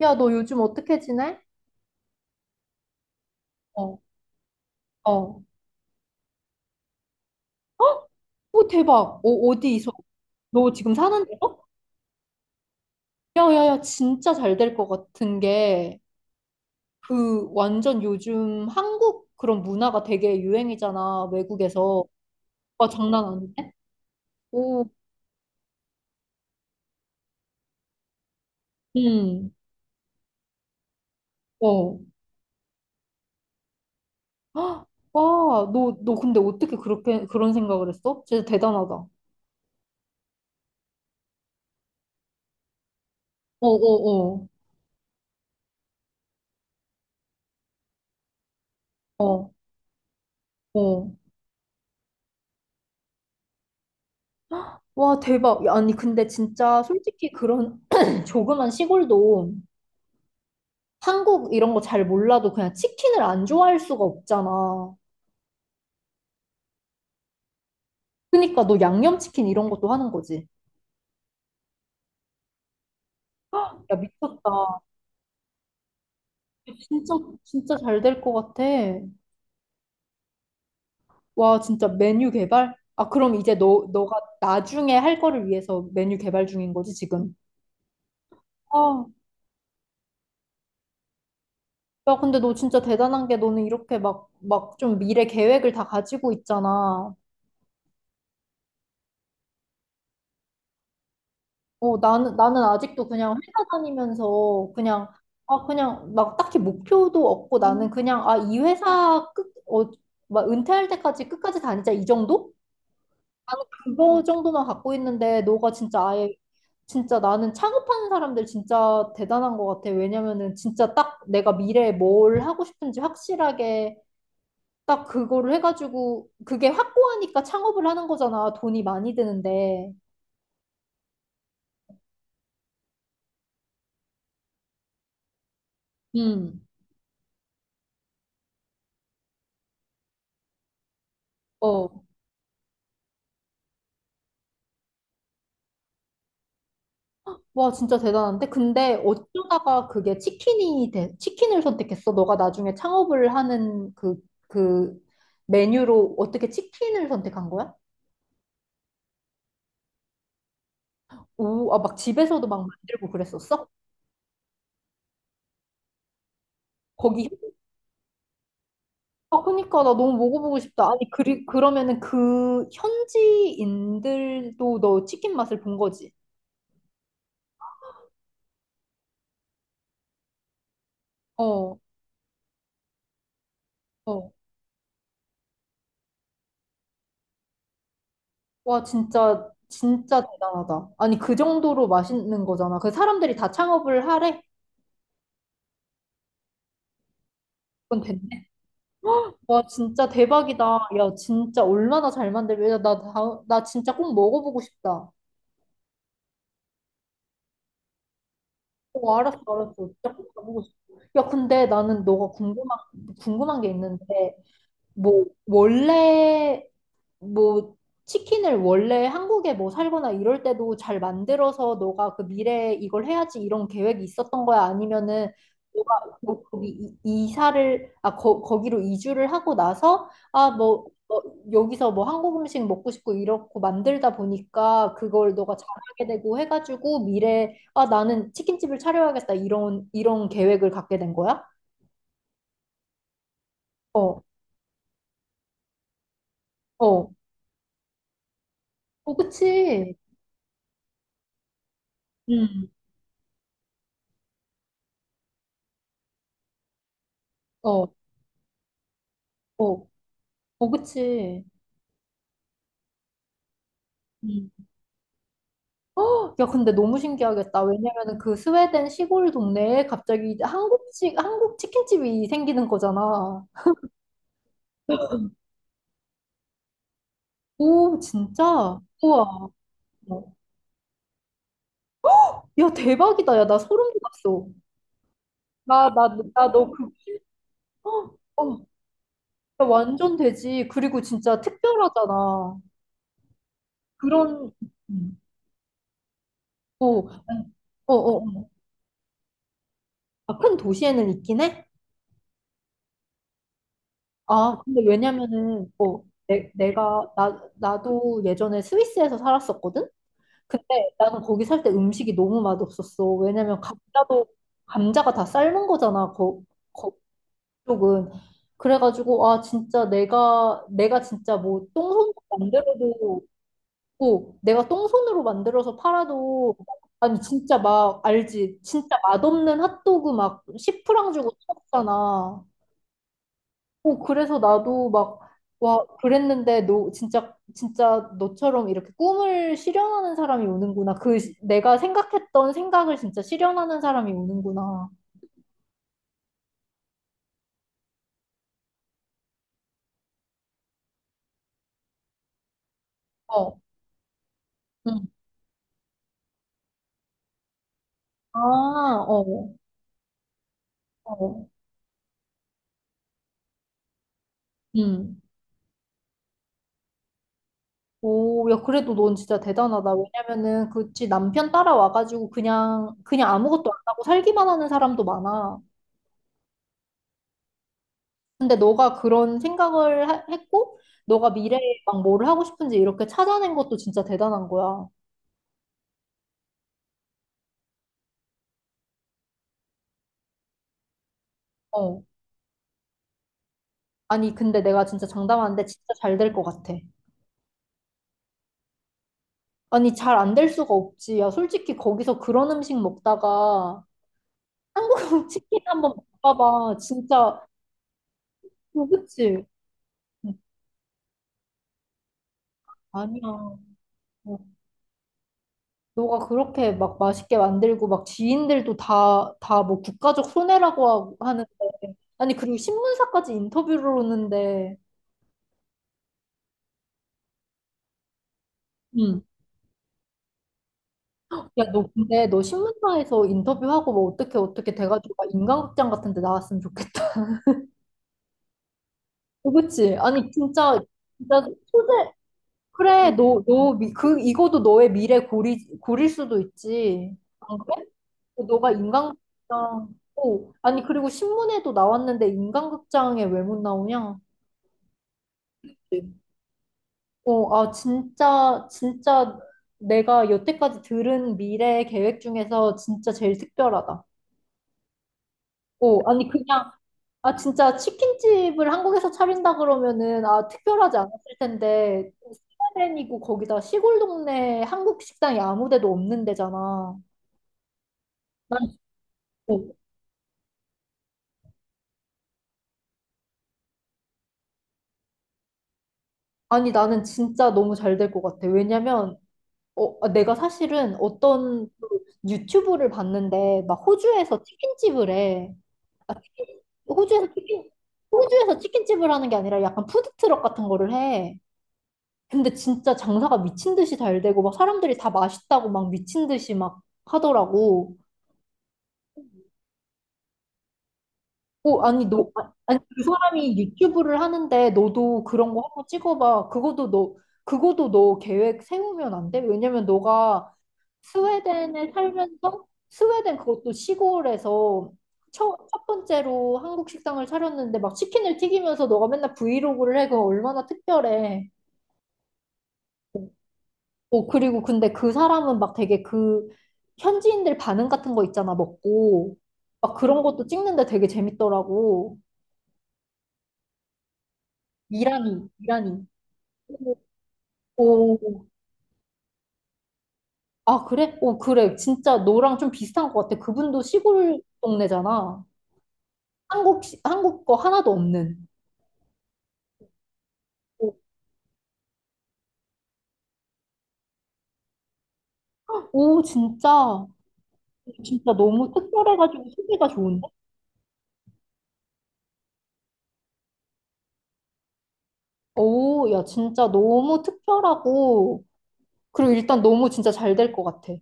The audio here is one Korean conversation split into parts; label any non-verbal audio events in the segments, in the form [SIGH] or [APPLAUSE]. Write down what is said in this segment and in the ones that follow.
야, 너 요즘 어떻게 지내? 어, 어. 헉? 오, 대박. 어, 어디 있어? 너 지금 사는 데. 야, 야, 야, 진짜 잘 될 것 같은 게, 그, 완전 요즘 한국 그런 문화가 되게 유행이잖아, 외국에서. 와, 장난 아닌데? 오, 응, 어. 헉, 와, 너 근데 어떻게 그렇게, 그런 생각을 했어? 진짜 대단하다. 어, 어, 어. 어, 어. 와, 대박. 야, 아니, 근데 진짜 솔직히 그런 [CLEARS THROAT] 조그만 시골도 한국 이런 거 잘 몰라도 그냥 치킨을 안 좋아할 수가 없잖아. 그러니까 너 양념치킨 이런 것도 하는 거지. 야, 미쳤다. 진짜, 진짜 잘 될 것 같아. 와, 진짜 메뉴 개발? 아, 그럼 이제 너가 나중에 할 거를 위해서 메뉴 개발 중인 거지, 지금? 아, 야, 근데 너 진짜 대단한 게 너는 이렇게 막 좀 미래 계획을 다 가지고 있잖아. 어, 나는 아직도 그냥 회사 다니면서 그냥, 아, 그냥 막 딱히 목표도 없고 나는 그냥, 아, 이 회사 끝, 어, 막 은퇴할 때까지 끝까지 다니자 이 정도? 나는 그거 정도만 갖고 있는데 너가 진짜 아예, 진짜 나는 창업하는 사람들 진짜 대단한 것 같아. 왜냐면은 진짜 딱 내가 미래에 뭘 하고 싶은지 확실하게 딱 그거를 해가지고 그게 확고하니까 창업을 하는 거잖아. 돈이 많이 드는데. 음. 어. 와, 진짜 대단한데? 근데 어쩌다가 그게 치킨이 돼, 치킨을 선택했어? 너가 나중에 창업을 하는 그 메뉴로 어떻게 치킨을 선택한 거야? 오, 아, 막 집에서도 막 만들고 그랬었어? 거기, 아, 그니까 나 너무 먹어보고 싶다. 아니, 그러면은 그 현지인들도 너 치킨 맛을 본 거지? 어, 어. 와, 진짜, 진짜 대단하다. 아니, 그 정도로 맛있는 거잖아. 그 사람들이 다 창업을 하래? 그건 된. 와, 진짜 대박이다. 야, 진짜 얼마나 잘 만들면, 야, 나, 다, 나 진짜 꼭 먹어보고 싶다. 어, 알았어, 알았어. 진짜 꼭 가보고 싶어. 야, 근데 나는 너가 궁금한 게 있는데, 뭐, 원래 뭐 치킨을 원래 한국에 뭐 살거나 이럴 때도 잘 만들어서 너가 그 미래에 이걸 해야지 이런 계획이 있었던 거야? 아니면은 너가 뭐 거기 이사를 아 거기로 이주를 하고 나서 아뭐 뭐 어, 여기서 뭐 한국 음식 먹고 싶고 이렇고 만들다 보니까 그걸 너가 잘하게 되고 해가지고 미래에 아 나는 치킨집을 차려야겠다 이런 계획을 갖게 된 거야? 어, 어, 어, 그치. 음, 어, 어, 어, 그치. 음. 야, 근데 너무 신기하겠다. 왜냐면은 그 스웨덴 시골 동네에 갑자기 한국 치킨집이 생기는 거잖아. 오, 진짜? 우와. 야, 대박이다. 야, 나 소름 돋았어. 나, 나, 나 너 그, 어, 어, 야, 완전 되지. 그리고 진짜 특별하잖아. 그런, 음. 어, 어, 어. 아, 큰 도시에는 있긴 해? 아, 근데 왜냐면은, 어, 나도 예전에 스위스에서 살았었거든? 근데 나는 거기 살 때 음식이 너무 맛없었어. 왜냐면 감자도 감자가 다 삶은 거잖아. 거, 거쪽은. 그래가지고 아 진짜 내가 진짜 뭐 똥손으로 만들어도 고 내가 똥손으로 만들어서 팔아도 아니 진짜 막 알지 진짜 맛없는 핫도그 막 10프랑 주고 샀잖아. 어, 그래서 나도 막, 와, 그랬는데, 너, 진짜, 진짜 너처럼 이렇게 꿈을 실현하는 사람이 오는구나. 그, 내가 생각했던 생각을 진짜 실현하는 사람이 오는구나. 어, 응. 아, 어, 어, 응. 오, 야, 그래도 넌 진짜 대단하다. 왜냐면은, 그치, 남편 따라와가지고 그냥, 아무것도 안 하고 살기만 하는 사람도 많아. 근데 너가 그런 생각을 했고, 너가 미래에 막 뭘 하고 싶은지 이렇게 찾아낸 것도 진짜 대단한 거야. 어. 아니, 근데 내가 진짜 장담하는데 진짜 잘 될 것 같아. 아니, 잘 안 될 수가 없지. 야, 솔직히 거기서 그런 음식 먹다가 한국 [LAUGHS] 치킨 한번 먹어봐. 진짜, 어, 그치? 응, 아니야. 어, 너가 그렇게 막 맛있게 만들고 막 지인들도 다 뭐 국가적 손해라고 하고 하는데. 아니, 그리고 신문사까지 인터뷰를 오는데. 응. 야, 너 근데 너 신문사에서 인터뷰하고 뭐 어떻게 돼가지고 막 인간극장 같은 데 나왔으면 좋겠다. 어, 그치? 아니, 진짜, 진짜, 소재, 그래, 그, 이거도 너의 미래 고릴 수도 있지. 안 그래? 너가 인간극장, 오, 아니, 그리고 신문에도 나왔는데 인간극장에 왜 못 나오냐? 어, 아, 진짜, 진짜 내가 여태까지 들은 미래 계획 중에서 진짜 제일 특별하다. 어, 아니, 그냥, 아, 진짜 치킨집을 한국에서 차린다 그러면은, 아, 특별하지 않았을 텐데, 스웨덴이고 거기다 시골 동네 한국 식당이 아무 데도 없는 데잖아. 난, 진짜- 아니, 나는 진짜 너무 잘 될 것 같아. 왜냐면, 어, 아, 내가 사실은 어떤 그 유튜브를 봤는데, 막 호주에서 치킨집을 해. 아, 호주에서 치킨, 호주에서 치킨집을 하는 게 아니라 약간 푸드트럭 같은 거를 해. 근데 진짜 장사가 미친 듯이 잘 되고 막 사람들이 다 맛있다고 막 미친 듯이 막 하더라고. 어, 아니 어, 너 아니 그 사람이 유튜브를 하는데 너도 그런 거 한번 찍어봐. 그것도 너 계획 세우면 안 돼? 왜냐면 너가 스웨덴에 살면서 스웨덴 그것도 시골에서 첫 번째로 한국 식당을 차렸는데 막 치킨을 튀기면서 너가 맨날 브이로그를 해. 그거 얼마나 특별해. 어, 그리고 근데 그 사람은 막 되게 그 현지인들 반응 같은 거 있잖아, 먹고. 막 그런 것도 찍는데 되게 재밌더라고. 이란이, 이란이. 오, 오. 아, 그래? 오, 그래. 진짜 너랑 좀 비슷한 것 같아. 그분도 시골 동네잖아. 한국 거 하나도 없는. 오, 오, 진짜. 진짜 너무 특별해가지고 소개가 좋은데? 오, 야, 진짜 너무 특별하고. 그리고 일단 너무 진짜 잘 될 것 같아.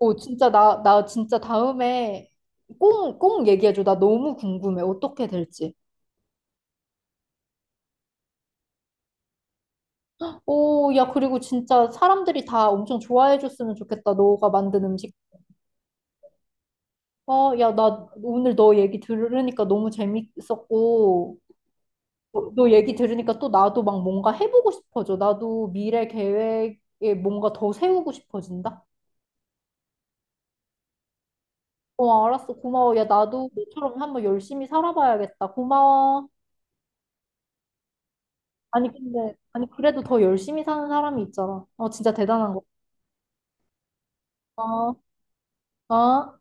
오, 진짜 나 진짜 다음에 꼭, 꼭 얘기해줘. 나 너무 궁금해. 어떻게 될지. 오, 야, 그리고 진짜 사람들이 다 엄청 좋아해줬으면 좋겠다. 너가 만든 음식. 어, 야, 나 오늘 너 얘기 들으니까 너무 재밌었고, 어, 너 얘기 들으니까 또 나도 막 뭔가 해보고 싶어져. 나도 미래 계획에 뭔가 더 세우고 싶어진다. 어, 알았어. 고마워. 야, 나도 너처럼 한번 열심히 살아봐야겠다. 고마워. 아니 근데 아니 그래도 더 열심히 사는 사람이 있잖아. 어 진짜 대단한 거. 어, 어.